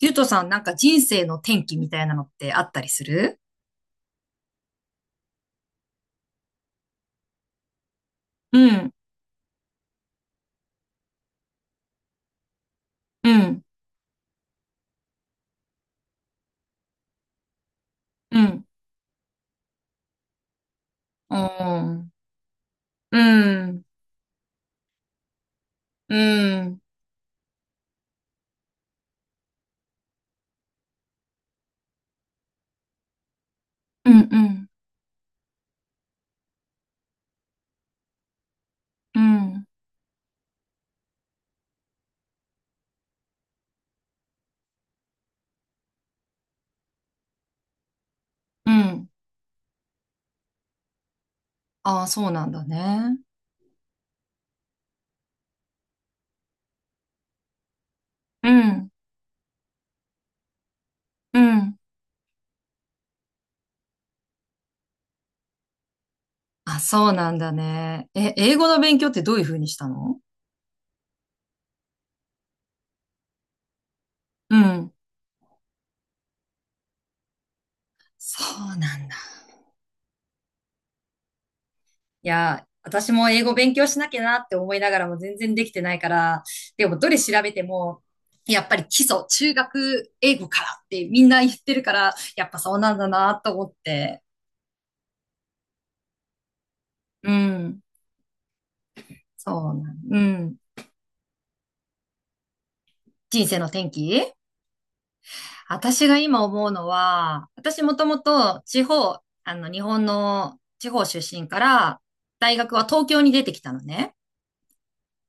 ゆうとさん、なんか人生の転機みたいなのってあったりする？うん、うん、うん、うん、うん、うん、うん、うん、うん、うん、ああ、そうなんだね。うん、うん、あ、そうなんだね。え、英語の勉強ってどういうふうにしたの？うん。そうなんだ。いや、私も英語勉強しなきゃなって思いながらも全然できてないから、でもどれ調べても、やっぱり基礎、中学英語からってみんな言ってるから、やっぱそうなんだなと思って。うん。そうなん、うん。人生の転機？私が今思うのは、私もともと地方、日本の地方出身から、大学は東京に出てきたのね。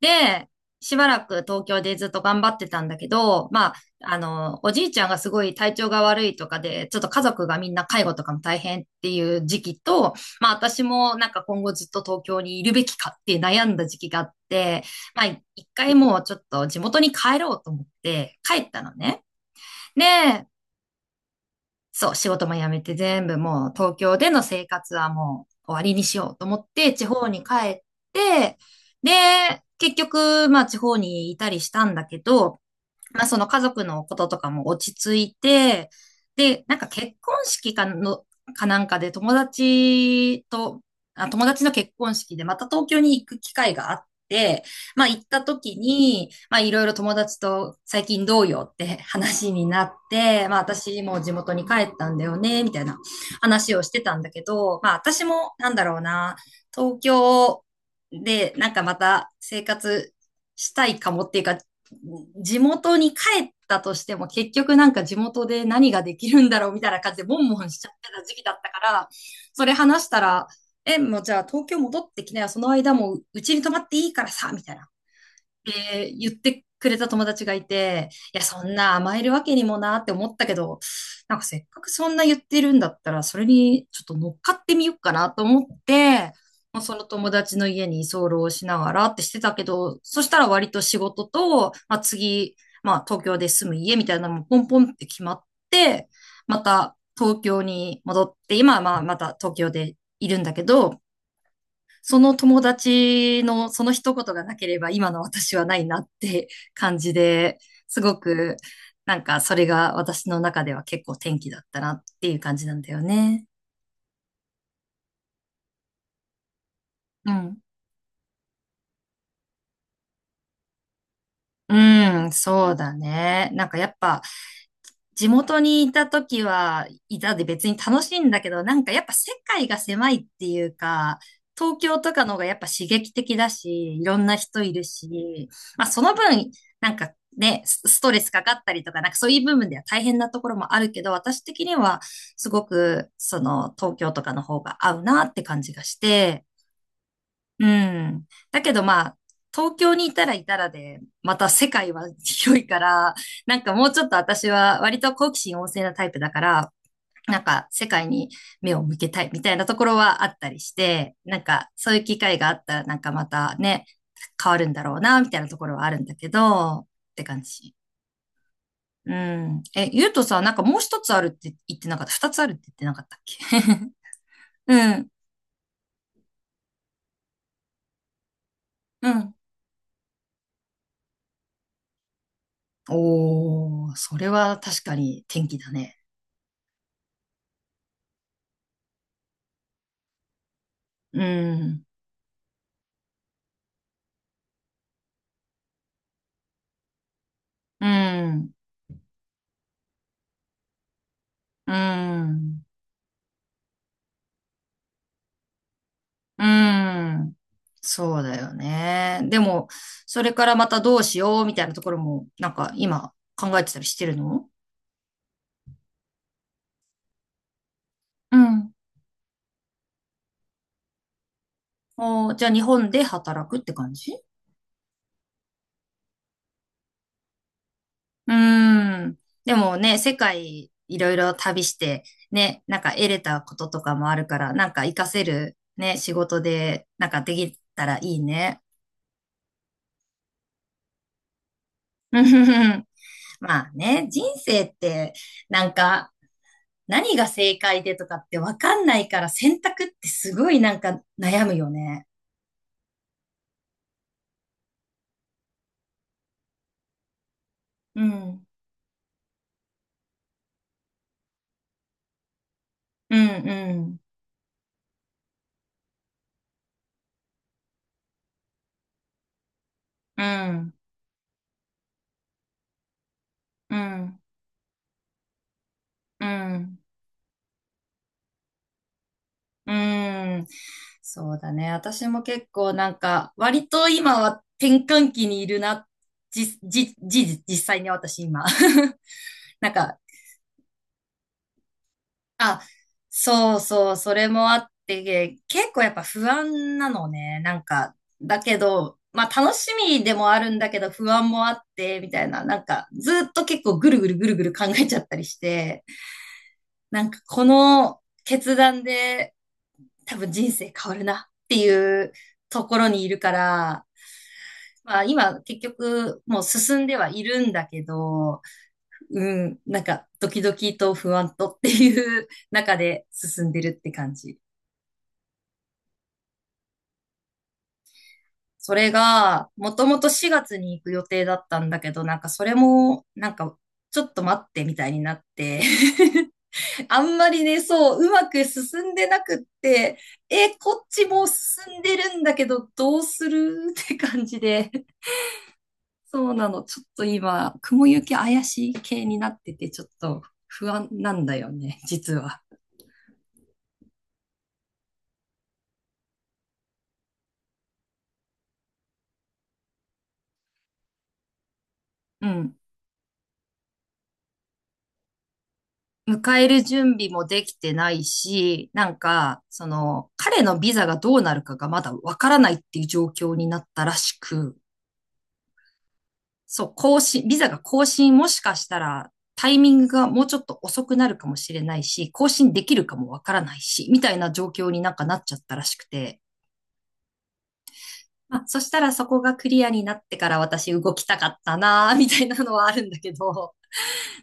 で、しばらく東京でずっと頑張ってたんだけど、まあ、おじいちゃんがすごい体調が悪いとかで、ちょっと家族がみんな介護とかも大変っていう時期と、まあ私もなんか今後ずっと東京にいるべきかって悩んだ時期があって、まあ一回もうちょっと地元に帰ろうと思って帰ったのね。で、そう、仕事も辞めて全部もう東京での生活はもう終わりにしようと思って地方に帰って、で、結局、まあ地方にいたりしたんだけど、まあその家族のこととかも落ち着いて、で、なんか結婚式かの、かなんかで友達と、あ、友達の結婚式でまた東京に行く機会があって、まあ行った時に、まあいろいろ友達と最近どうよって話になって、まあ私も地元に帰ったんだよね、みたいな話をしてたんだけど、まあ私もなんだろうな、東京でなんかまた生活したいかもっていうか、地元に帰ったとしても結局なんか地元で何ができるんだろうみたいな感じでボンボンしちゃってた時期だったから、それ話したら、え、もうじゃあ東京戻ってきなよ、その間もううちに泊まっていいからさ、みたいな。って言ってくれた友達がいて、いや、そんな甘えるわけにもなって思ったけど、なんかせっかくそんな言ってるんだったら、それにちょっと乗っかってみようかなと思って、まあ、その友達の家に居候しながらってしてたけど、そしたら割と仕事と、まあ、次、まあ東京で住む家みたいなのもポンポンって決まって、また東京に戻って、今はまあまた東京でいるんだけど、その友達のその一言がなければ今の私はないなって感じで、すごくなんかそれが私の中では結構転機だったなっていう感じなんだよね。うん。うん、そうだね。なんかやっぱ地元にいた時は、いたで別に楽しいんだけど、なんかやっぱ世界が狭いっていうか、東京とかの方がやっぱ刺激的だし、いろんな人いるし、まあその分、なんかね、スストレスかかったりとか、なんかそういう部分では大変なところもあるけど、私的にはすごくその東京とかの方が合うなって感じがして、うん。だけどまあ、東京にいたらいたらで、また世界は広いから、なんかもうちょっと私は割と好奇心旺盛なタイプだから、なんか世界に目を向けたいみたいなところはあったりして、なんかそういう機会があったらなんかまたね、変わるんだろうな、みたいなところはあるんだけど、って感じ。うん。え、ゆうとさ、なんかもう一つあるって言ってなかった？二つあるって言ってなかったっけ？ うん。うん。おー、それは確かに天気だね。うん、うん、うん、うん。そうだよね。でも、それからまたどうしようみたいなところも、なんか今考えてたりしてるの？うん。おー、じゃあ日本で働くって感じ？うーん。でもね、世界いろいろ旅して、ね、なんか得れたこととかもあるから、なんか活かせるね、仕事で、なんかできたらいいね。うんふふふ。まあね、人生って、なんか、何が正解でとかってわかんないから選択ってすごいなんか悩むよね。うん、うん、うん、うん、うん、うん。うん、そうだね。私も結構なんか割と今は転換期にいるな。じ、じ、じ、実際に私今。なんか、あ、そうそう、それもあって、結構やっぱ不安なのね。なんか、だけど、まあ楽しみでもあるんだけど不安もあって、みたいな、なんかずっと結構ぐるぐるぐるぐる考えちゃったりして、なんかこの決断で多分人生変わるなっていうところにいるから、まあ今結局もう進んではいるんだけど、うん、なんかドキドキと不安とっていう中で進んでるって感じ。それが、もともと4月に行く予定だったんだけど、なんかそれも、なんか、ちょっと待ってみたいになって、あんまりね、そう、うまく進んでなくって、え、こっちもう進んでるんだけど、どうするって感じで、そうなの、ちょっと今、雲行き怪しい系になってて、ちょっと不安なんだよね、実は。うん。迎える準備もできてないし、なんか、その、彼のビザがどうなるかがまだわからないっていう状況になったらしく、そう、更新、ビザが更新もしかしたらタイミングがもうちょっと遅くなるかもしれないし、更新できるかもわからないし、みたいな状況になんかなっちゃったらしくて、まあ、そしたらそこがクリアになってから私動きたかったなーみたいなのはあるんだけど、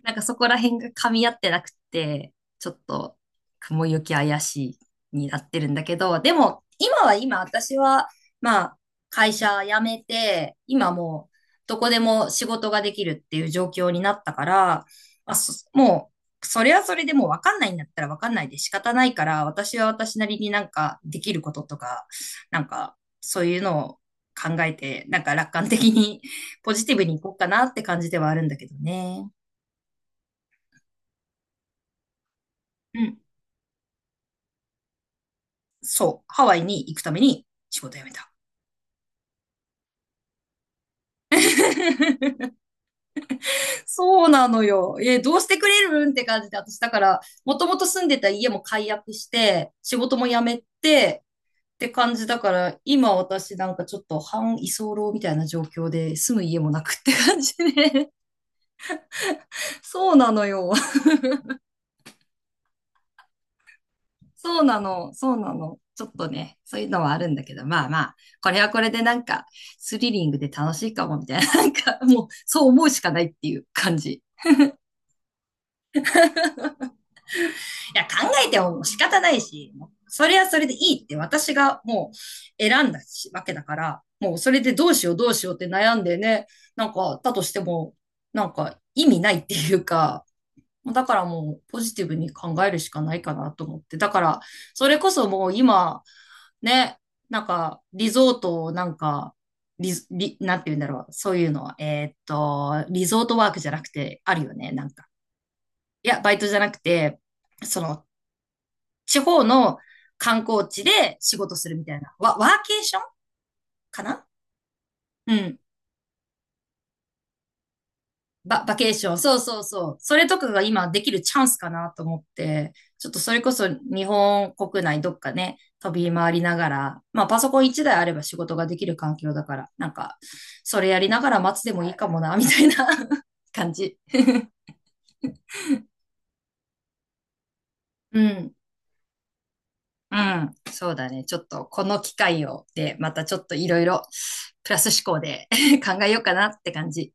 なんかそこら辺が噛み合ってなくて、ちょっと雲行き怪しいになってるんだけど、でも今は今私は、まあ会社辞めて、今もうどこでも仕事ができるっていう状況になったから、まあ、そもうそれはそれでもうわかんないんだったらわかんないで仕方ないから、私は私なりになんかできることとか、なんかそういうのを考えて、なんか楽観的にポジティブにいこうかなって感じではあるんだけどね。うん。そう、ハワイに行くために仕事辞めた。そうなのよ。え、どうしてくれるんって感じで、私だから、もともと住んでた家も解約して、仕事も辞めて、って感じだから、今私なんかちょっと半居候みたいな状況で、住む家もなくって感じね。そうなのよ。そうなの、そうなの。ちょっとね、そういうのはあるんだけど、まあまあ、これはこれでなんか、スリリングで楽しいかも、みたいな、なんか、もう、そう思うしかないっていう感じ。や、考えても仕方ないし、それはそれでいいって私がもう選んだしわけだから、もうそれでどうしようどうしようって悩んでね、なんか、だとしても、なんか意味ないっていうか、だからもうポジティブに考えるしかないかなと思って。だから、それこそもう今、ね、なんか、リゾートをなんか、リゾ、リ、なんて言うんだろう。そういうのは、リゾートワークじゃなくて、あるよね、なんか。いや、バイトじゃなくて、その、地方の観光地で仕事するみたいな。ワーケーションかな？うん。バケーション。そうそうそう。それとかが今できるチャンスかなと思って、ちょっとそれこそ日本国内どっかね、飛び回りながら、まあパソコン一台あれば仕事ができる環境だから、なんか、それやりながら待つでもいいかもな、みたいな 感じ。うん。うん。そうだね。ちょっとこの機会をで、またちょっといろいろプラス思考で 考えようかなって感じ。